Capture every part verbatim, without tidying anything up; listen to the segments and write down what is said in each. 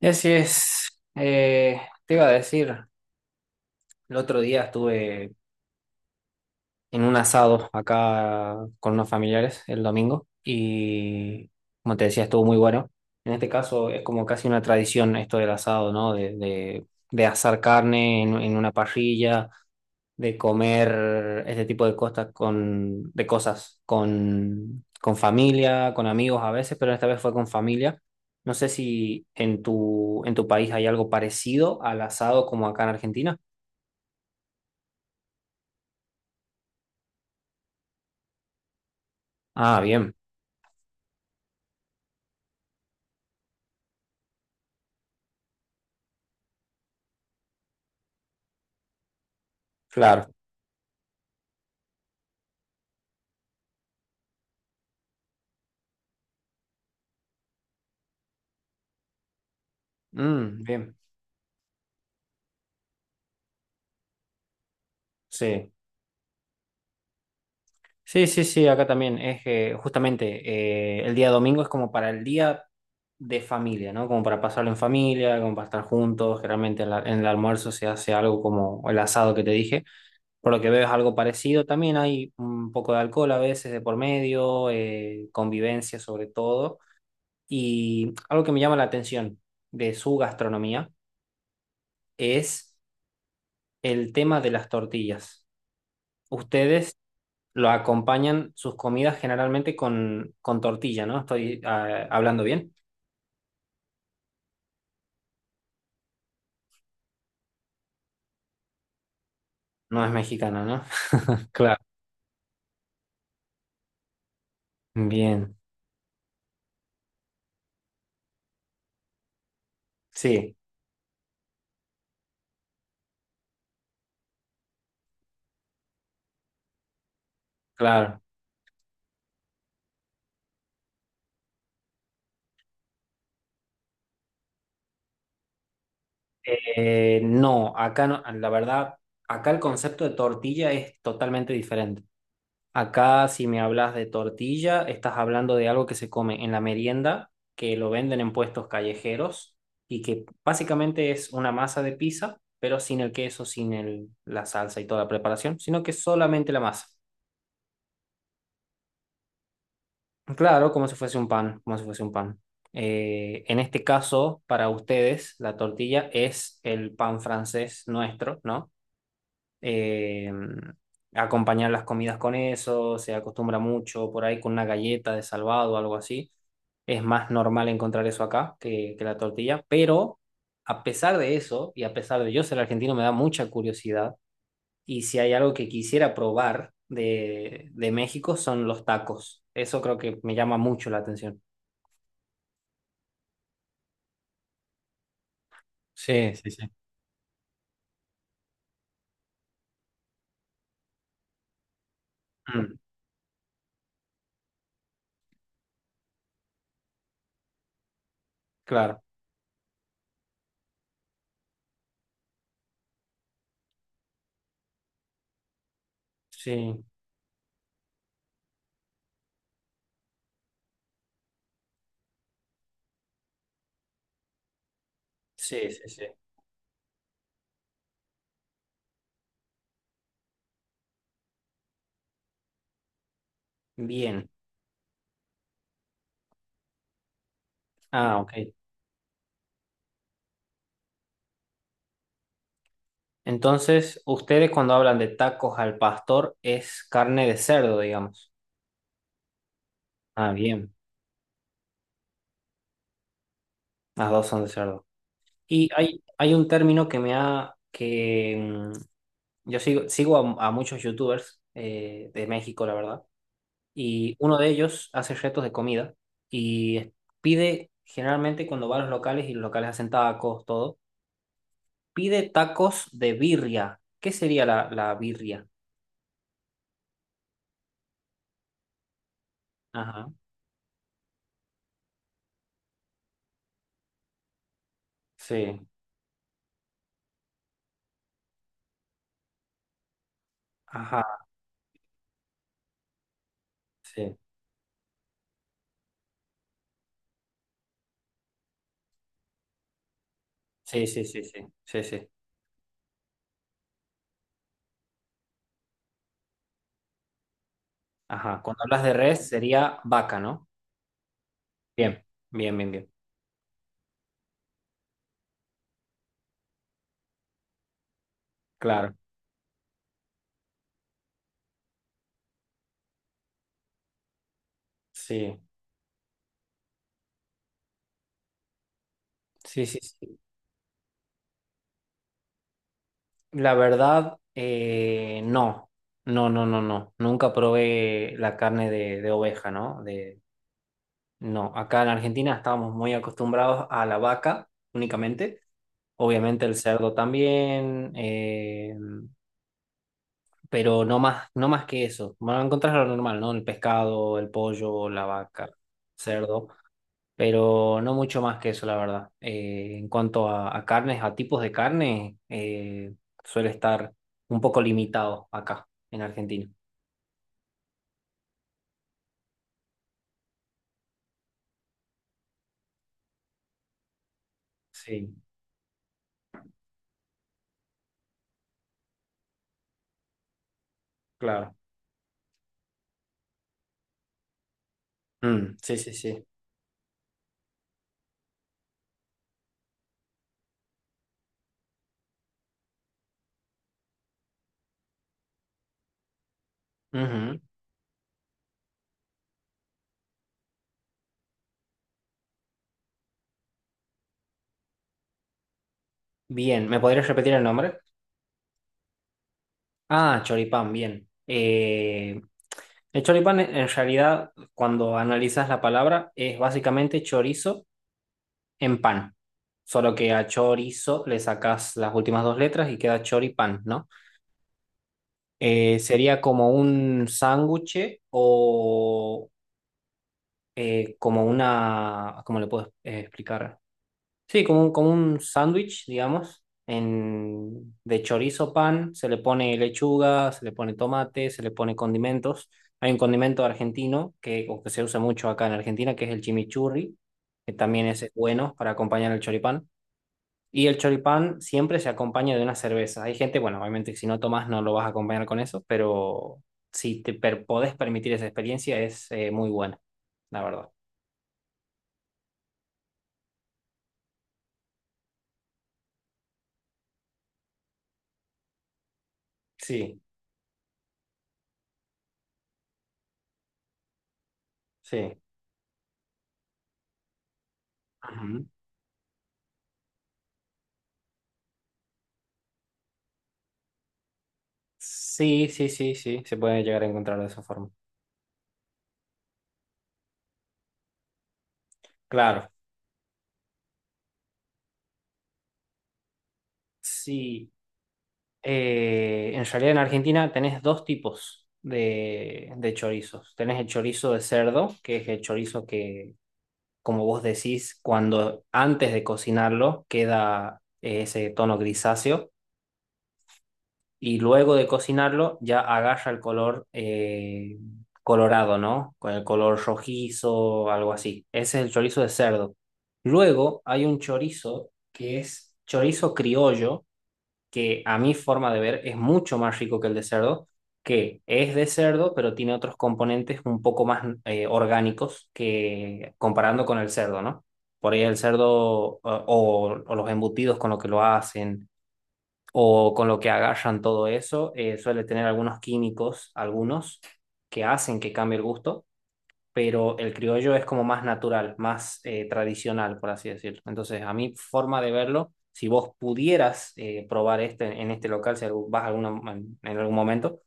Y así es. Eh, te iba a decir, el otro día estuve en un asado acá con unos familiares el domingo y, como te decía, estuvo muy bueno. En este caso es como casi una tradición esto del asado, ¿no? De, de, de asar carne en, en una parrilla de comer este tipo de cosas con, de cosas con, con familia, con amigos a veces, pero esta vez fue con familia. No sé si en tu, en tu país hay algo parecido al asado como acá en Argentina. Ah, bien, claro. Mm, bien, sí. Sí, sí, sí, acá también es eh, justamente eh, el día domingo es como para el día de familia, ¿no? Como para pasarlo en familia, como para estar juntos. Generalmente en la- en el almuerzo se hace algo como el asado que te dije. Por lo que veo es algo parecido. También hay un poco de alcohol a veces de por medio, eh, convivencia sobre todo. Y algo que me llama la atención de su gastronomía es el tema de las tortillas. Ustedes lo acompañan sus comidas generalmente con, con tortilla, ¿no? Estoy ah, hablando bien. No es mexicana, ¿no? Claro. Bien. Sí, claro. Eh, no, acá no, la verdad, acá el concepto de tortilla es totalmente diferente. Acá, si me hablas de tortilla, estás hablando de algo que se come en la merienda, que lo venden en puestos callejeros y que básicamente es una masa de pizza, pero sin el queso, sin el, la salsa y toda la preparación, sino que solamente la masa. Claro, como si fuese un pan, como si fuese un pan. Eh, en este caso, para ustedes, la tortilla es el pan francés nuestro, ¿no? eh, Acompañar las comidas con eso, se acostumbra mucho por ahí con una galleta de salvado o algo así. Es más normal encontrar eso acá que, que la tortilla, pero a pesar de eso, y a pesar de yo ser argentino, me da mucha curiosidad. Y si hay algo que quisiera probar de, de México son los tacos. Eso creo que me llama mucho la atención. Sí, sí, sí. Mm, claro, sí, sí, sí, sí. Bien. Ah, ok. Entonces, ustedes cuando hablan de tacos al pastor es carne de cerdo, digamos. Ah, bien, las dos son de cerdo. Y hay, hay un término que me ha, que mm, yo sigo, sigo a, a muchos youtubers eh, de México, la verdad, y uno de ellos hace retos de comida y pide, generalmente cuando va a los locales y los locales hacen tacos, todo, pide tacos de birria. ¿Qué sería la, la birria? Ajá, sí, ajá, sí. Sí, sí, sí, sí, sí, sí. Ajá, cuando hablas de res sería vaca, ¿no? Bien, bien, bien, bien. Claro, sí, sí, sí, sí. La verdad, eh, no, no, no, no, no. Nunca probé la carne de, de oveja, ¿no? De, no, acá en Argentina estábamos muy acostumbrados a la vaca únicamente. Obviamente el cerdo también, eh, pero no más, no más que eso. Van a encontrar lo normal, ¿no? El pescado, el pollo, la vaca, cerdo. Pero no mucho más que eso, la verdad. Eh, en cuanto a, a carnes, a tipos de carne, eh, suele estar un poco limitado acá, en Argentina. Sí, claro. Mm, sí, sí, sí. Ujú. Bien, ¿me podrías repetir el nombre? Ah, choripán, bien. Eh, el choripán, en en realidad, cuando analizas la palabra, es básicamente chorizo en pan. Solo que a chorizo le sacas las últimas dos letras y queda choripán, ¿no? Eh, sería como un sándwich o eh, como una, ¿cómo le puedo eh, explicar? Sí, como un, como un sándwich, digamos, en, de chorizo pan, se le pone lechuga, se le pone tomate, se le pone condimentos. Hay un condimento argentino que, o que se usa mucho acá en Argentina, que es el chimichurri, que también ese es bueno para acompañar el choripán. Y el choripán siempre se acompaña de una cerveza. Hay gente, bueno, obviamente que si no tomas no lo vas a acompañar con eso, pero si te per- podés permitir esa experiencia es eh, muy buena, la verdad. Sí, sí. Ujú. Sí, sí, sí, sí, se puede llegar a encontrar de esa forma. Claro. Sí. Eh, en realidad en Argentina tenés dos tipos de, de chorizos. Tenés el chorizo de cerdo, que es el chorizo que como vos decís, cuando antes de cocinarlo queda eh, ese tono grisáceo y luego de cocinarlo ya agarra el color eh, colorado, ¿no? Con el color rojizo, algo así. Ese es el chorizo de cerdo. Luego hay un chorizo que es chorizo criollo que a mi forma de ver es mucho más rico que el de cerdo, que es de cerdo, pero tiene otros componentes un poco más eh, orgánicos que comparando con el cerdo, ¿no? Por ahí el cerdo eh, o, o los embutidos con lo que lo hacen o con lo que agarran todo eso, eh, suele tener algunos químicos, algunos que hacen que cambie el gusto, pero el criollo es como más natural, más eh, tradicional, por así decirlo. Entonces, a mi forma de verlo, si vos pudieras eh, probar este en este local, si vas alguna, en, en algún momento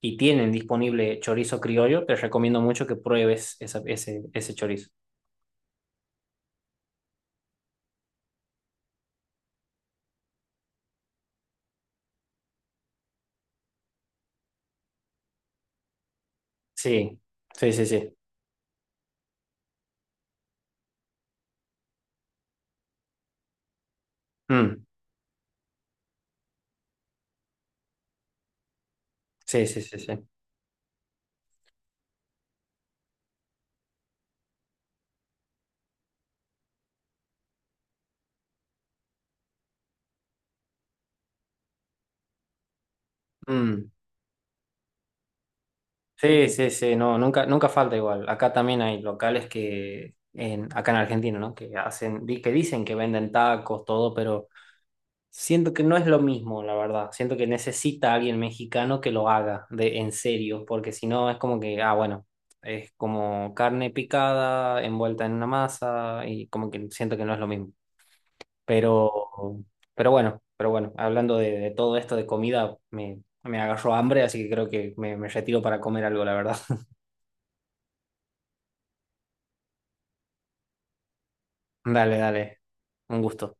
y tienen disponible chorizo criollo, te recomiendo mucho que pruebes esa- ese, ese chorizo. Sí, sí, sí, sí. Mm, sí, sí, sí, sí. Mm. Sí, sí, sí, no, nunca, nunca falta igual. Acá también hay locales que, en, acá en Argentina, ¿no? Que hacen, di- que dicen que venden tacos, todo, pero siento que no es lo mismo, la verdad. Siento que necesita alguien mexicano que lo haga de en serio, porque si no es como que, ah, bueno, es como carne picada envuelta en una masa y como que siento que no es lo mismo. Pero, pero bueno, pero bueno, hablando de, de todo esto de comida, me, me agarró hambre, así que creo que me, me retiro para comer algo, la verdad. Dale, dale. Un gusto.